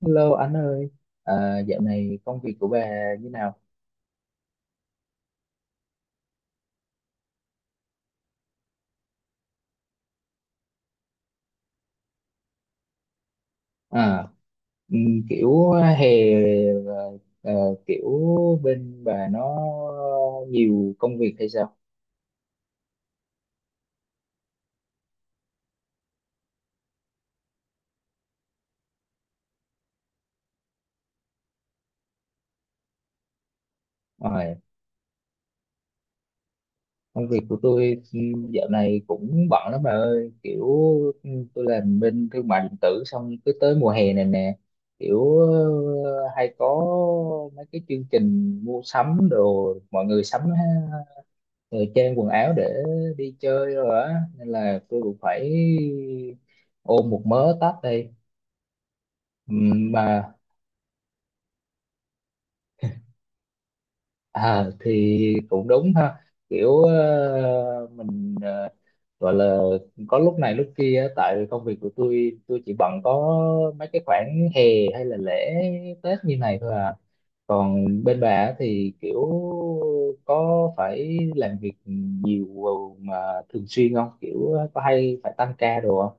Hello anh ơi, dạo này công việc của bà như nào? À, kiểu hè ờ, ờ, kiểu bên bà nó nhiều công việc hay sao? Rồi, công việc của tôi dạo này cũng bận lắm bà ơi, kiểu tôi làm bên thương mại điện tử xong cứ tới mùa hè này nè, kiểu hay có mấy cái chương trình mua sắm đồ, mọi người sắm thời trang quần áo để đi chơi rồi á, nên là tôi cũng phải ôm một mớ tách đây. Ừm, mà thì cũng đúng ha, kiểu gọi là có lúc này lúc kia á, tại vì công việc của tôi chỉ bận có mấy cái khoảng hè hay là lễ Tết như này thôi à, còn bên bà á thì kiểu có phải làm việc nhiều mà thường xuyên không, kiểu có hay phải tăng ca đồ không?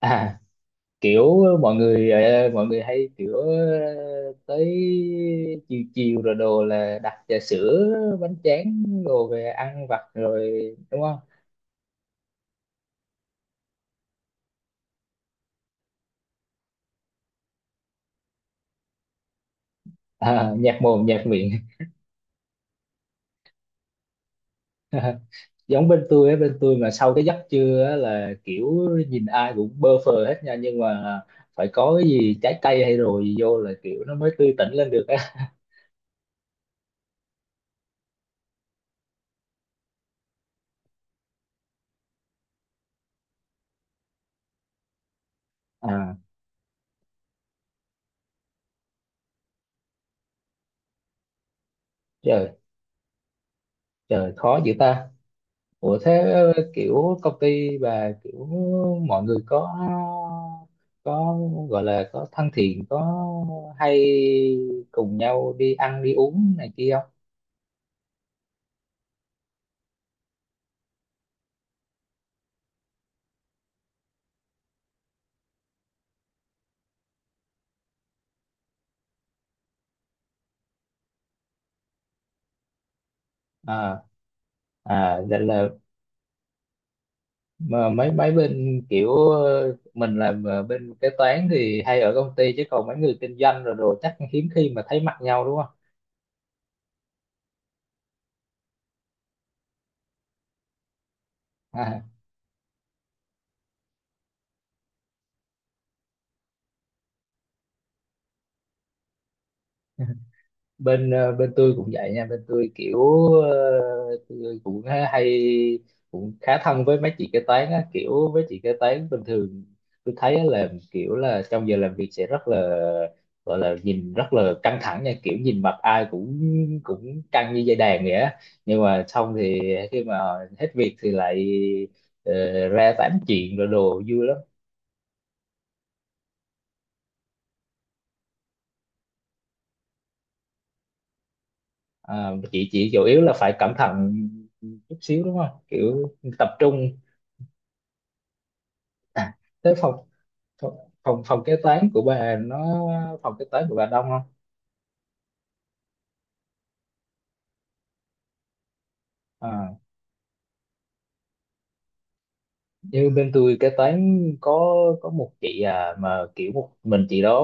À kiểu ờ, mọi người ờ, Mọi người hay kiểu tới chiều chiều rồi đồ là đặt trà sữa bánh tráng đồ về ăn vặt rồi đúng không? À, nhạt mồm nhạt miệng. Giống bên tôi á, bên tôi mà sau cái giấc trưa á là kiểu nhìn ai cũng bơ phờ hết nha, nhưng mà phải có cái gì trái cây hay rồi vô là kiểu nó mới tươi tỉnh lên được á. À, trời trời khó dữ ta. Ủa thế kiểu công ty bà kiểu mọi người có có gọi là có thân thiện, có hay cùng nhau đi ăn đi uống này kia không? À, à vậy là mà mấy mấy bên kiểu ờ, mình là mà bên kế toán thì hay ở công ty, chứ còn mấy người kinh doanh rồi đồ chắc hiếm khi mà thấy mặt nhau đúng không? À, bên bên tôi cũng vậy nha, bên tôi kiểu tôi cũng hay, cũng khá thân với mấy chị kế toán á, kiểu với chị kế toán bình thường tôi thấy á là kiểu là trong giờ làm việc sẽ rất là, gọi là nhìn rất là căng thẳng nha, kiểu nhìn mặt ai cũng cũng căng như dây đàn vậy á, nhưng mà xong thì khi mà hết việc thì lại ờ, ra tám chuyện rồi đồ vui lắm. À, chị chủ yếu là phải cẩn thận chút xíu đúng không, kiểu tập trung. À, thế phòng, Phòng, phòng kế toán của bà nó, phòng kế toán của bà đông không? À, nhưng bên tôi kế toán có một chị à, mà kiểu một mình chị đó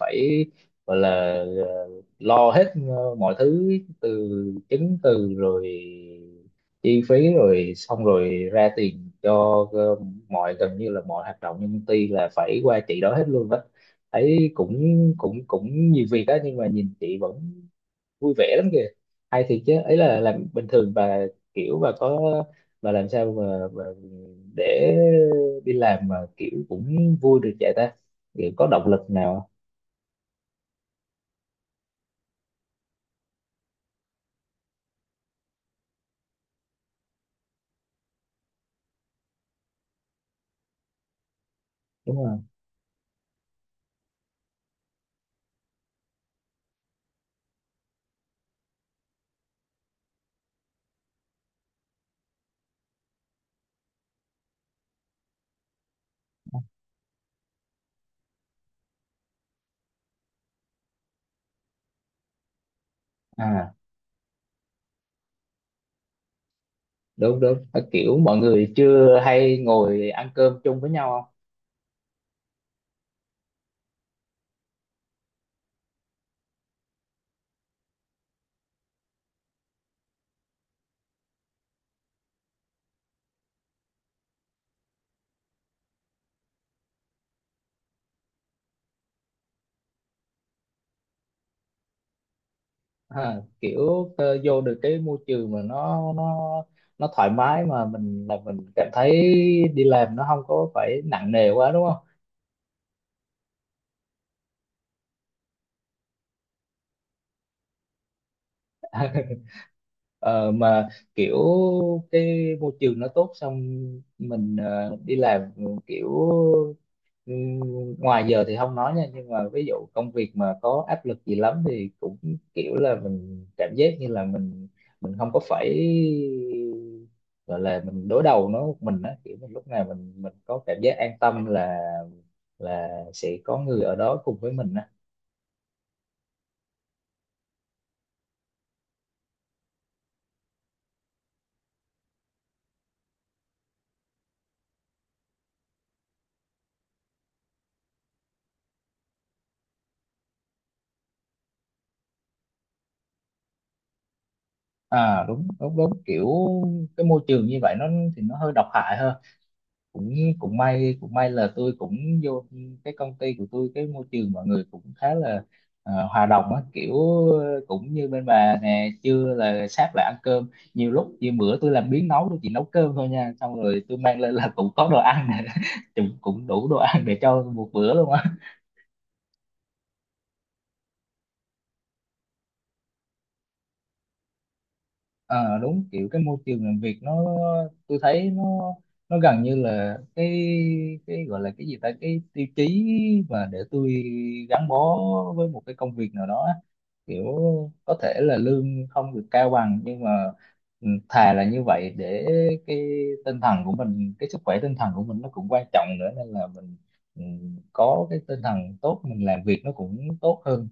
phải gọi là ờ, lo hết mọi thứ, từ chứng từ rồi chi phí rồi xong rồi ra tiền cho ờ, mọi gần như là mọi hoạt động trong công ty là phải qua chị đó hết luôn đó. Thấy cũng cũng cũng nhiều việc đó, nhưng mà nhìn chị vẫn vui vẻ lắm kìa. Hay thiệt chứ, ấy là làm bình thường bà kiểu bà có, bà làm sao mà để đi làm mà kiểu cũng vui được vậy ta, kiểu có động lực nào đúng không? À đúng đúng. À, kiểu mọi người chưa hay ngồi ăn cơm chung với nhau không? À, kiểu vô được cái môi trường mà nó thoải mái mà mình cảm thấy đi làm nó không có phải nặng nề quá đúng không? Ờ, mà kiểu cái môi trường nó tốt, xong mình đi làm ừ, ngoài giờ thì không nói nha, nhưng mà ví dụ công việc mà có áp lực gì lắm thì cũng kiểu là mình cảm giác như là mình không có phải gọi là mình đối đầu nó một mình á, kiểu mình lúc nào mình có cảm giác an tâm là sẽ có người ở đó cùng với mình á. À đúng đúng đúng, kiểu cái môi trường như vậy nó thì nó hơi độc hại hơn. Cũng cũng may cũng may là tôi cũng vô cái công ty của tôi, cái môi trường mọi người cũng khá là hòa đồng á, kiểu cũng như bên bà nè, trưa là sát lại ăn cơm, nhiều lúc như bữa tôi làm biếng nấu, tôi chỉ nấu cơm thôi nha, xong rồi tôi mang lên là cũng có đồ ăn. cũng cũng đủ đồ ăn để cho một bữa luôn á. Ờ đúng, kiểu cái môi trường làm việc nó, tôi thấy nó gần như là cái gọi là cái gì ta, cái tiêu chí mà để tôi gắn bó với một cái công việc nào đó á. Kiểu có thể là lương không được cao bằng, nhưng mà ừ, thà là như vậy để cái tinh thần của mình, cái sức khỏe tinh thần của mình nó cũng quan trọng nữa, nên là mình ừ, có cái tinh thần tốt mình làm việc nó cũng tốt hơn.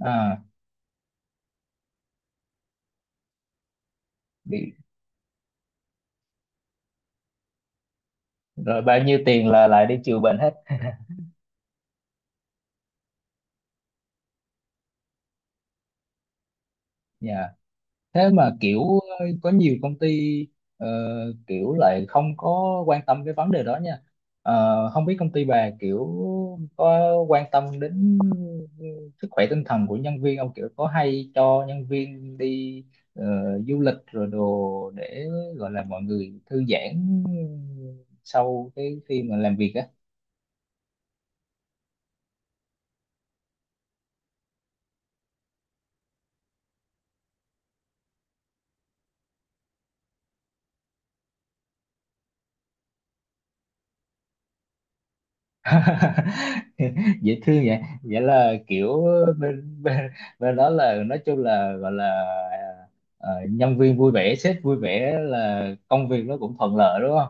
À, bị, rồi bao nhiêu tiền là lại đi trừ bệnh hết. Dạ, thế mà kiểu có nhiều công ty ờ, kiểu lại không có quan tâm cái vấn đề đó nha. Ờ, không biết công ty bà kiểu có quan tâm đến sức khỏe tinh thần của nhân viên không, kiểu có hay cho nhân viên đi ờ, du lịch rồi đồ để gọi là mọi người thư giãn sau cái khi mà làm việc á. Dễ thương vậy, vậy là kiểu bên bên bên đó là nói chung là gọi là nhân viên vui vẻ, sếp vui vẻ là công việc nó cũng thuận lợi đúng không?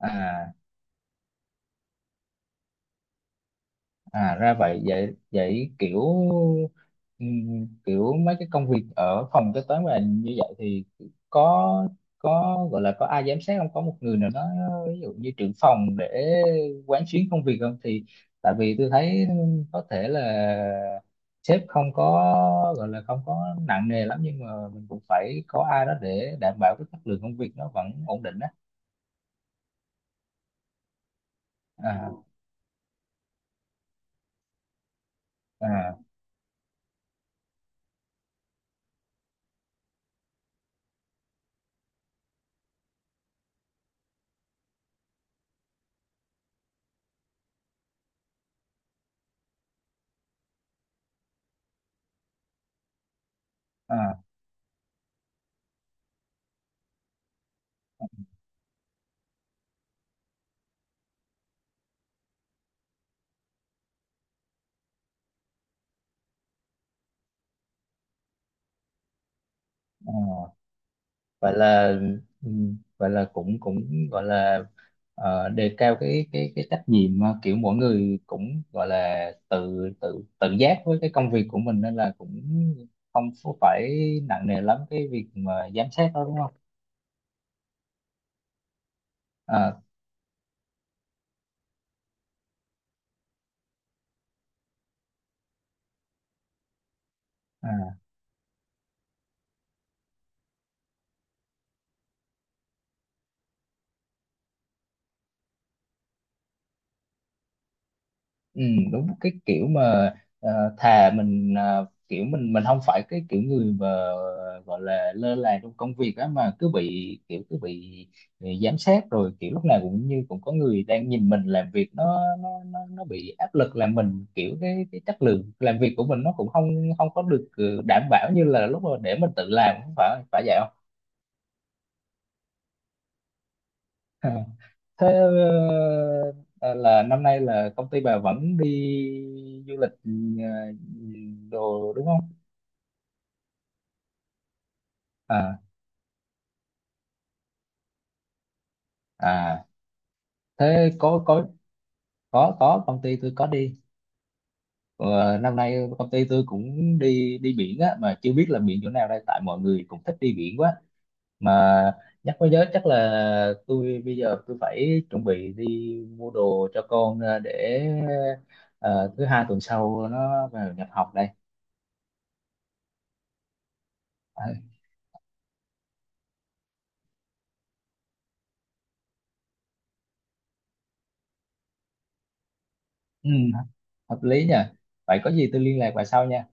À, à ra vậy vậy vậy kiểu kiểu mấy cái công việc ở phòng kế toán mà như vậy thì có có gọi là có ai giám sát không, có một người nào đó ví dụ như trưởng phòng để quán xuyến công việc không, thì tại vì tôi thấy có thể là sếp không có gọi là không có nặng nề lắm, nhưng mà mình cũng phải có ai đó để đảm bảo cái chất lượng công việc nó vẫn ổn định á. À à à, à. Gọi là gọi là cũng cũng gọi là đề cao cái trách nhiệm mà kiểu mỗi người cũng gọi là tự tự tự giác với cái công việc của mình, nên là cũng không phải nặng nề lắm cái việc mà giám sát đó đúng không? Ờ, à. Ừ, đúng cái kiểu mà ờ, thà mình kiểu mình không phải cái kiểu người mà gọi là lơ là trong công việc á, mà cứ bị kiểu cứ bị giám sát rồi kiểu lúc nào cũng như cũng có người đang nhìn mình làm việc, nó bị áp lực làm mình kiểu cái chất lượng làm việc của mình nó cũng không không có được đảm bảo như là lúc mà để mình tự làm, không phải phải vậy không? À, thế ờ, là năm nay là công ty bà vẫn đi du lịch ờ, đồ đúng không? À, à thế có, có công ty tôi có đi. Ờ, năm nay công ty tôi cũng đi đi biển á, mà chưa biết là biển chỗ nào đây, tại mọi người cũng thích đi biển quá. À, nhắc mới nhớ, chắc là tôi bây giờ tôi phải chuẩn bị đi mua đồ cho con để ờ, thứ hai tuần sau nó vào nhập học đây. Ừ, hợp lý nhỉ, vậy có gì tôi liên lạc bà sau nha.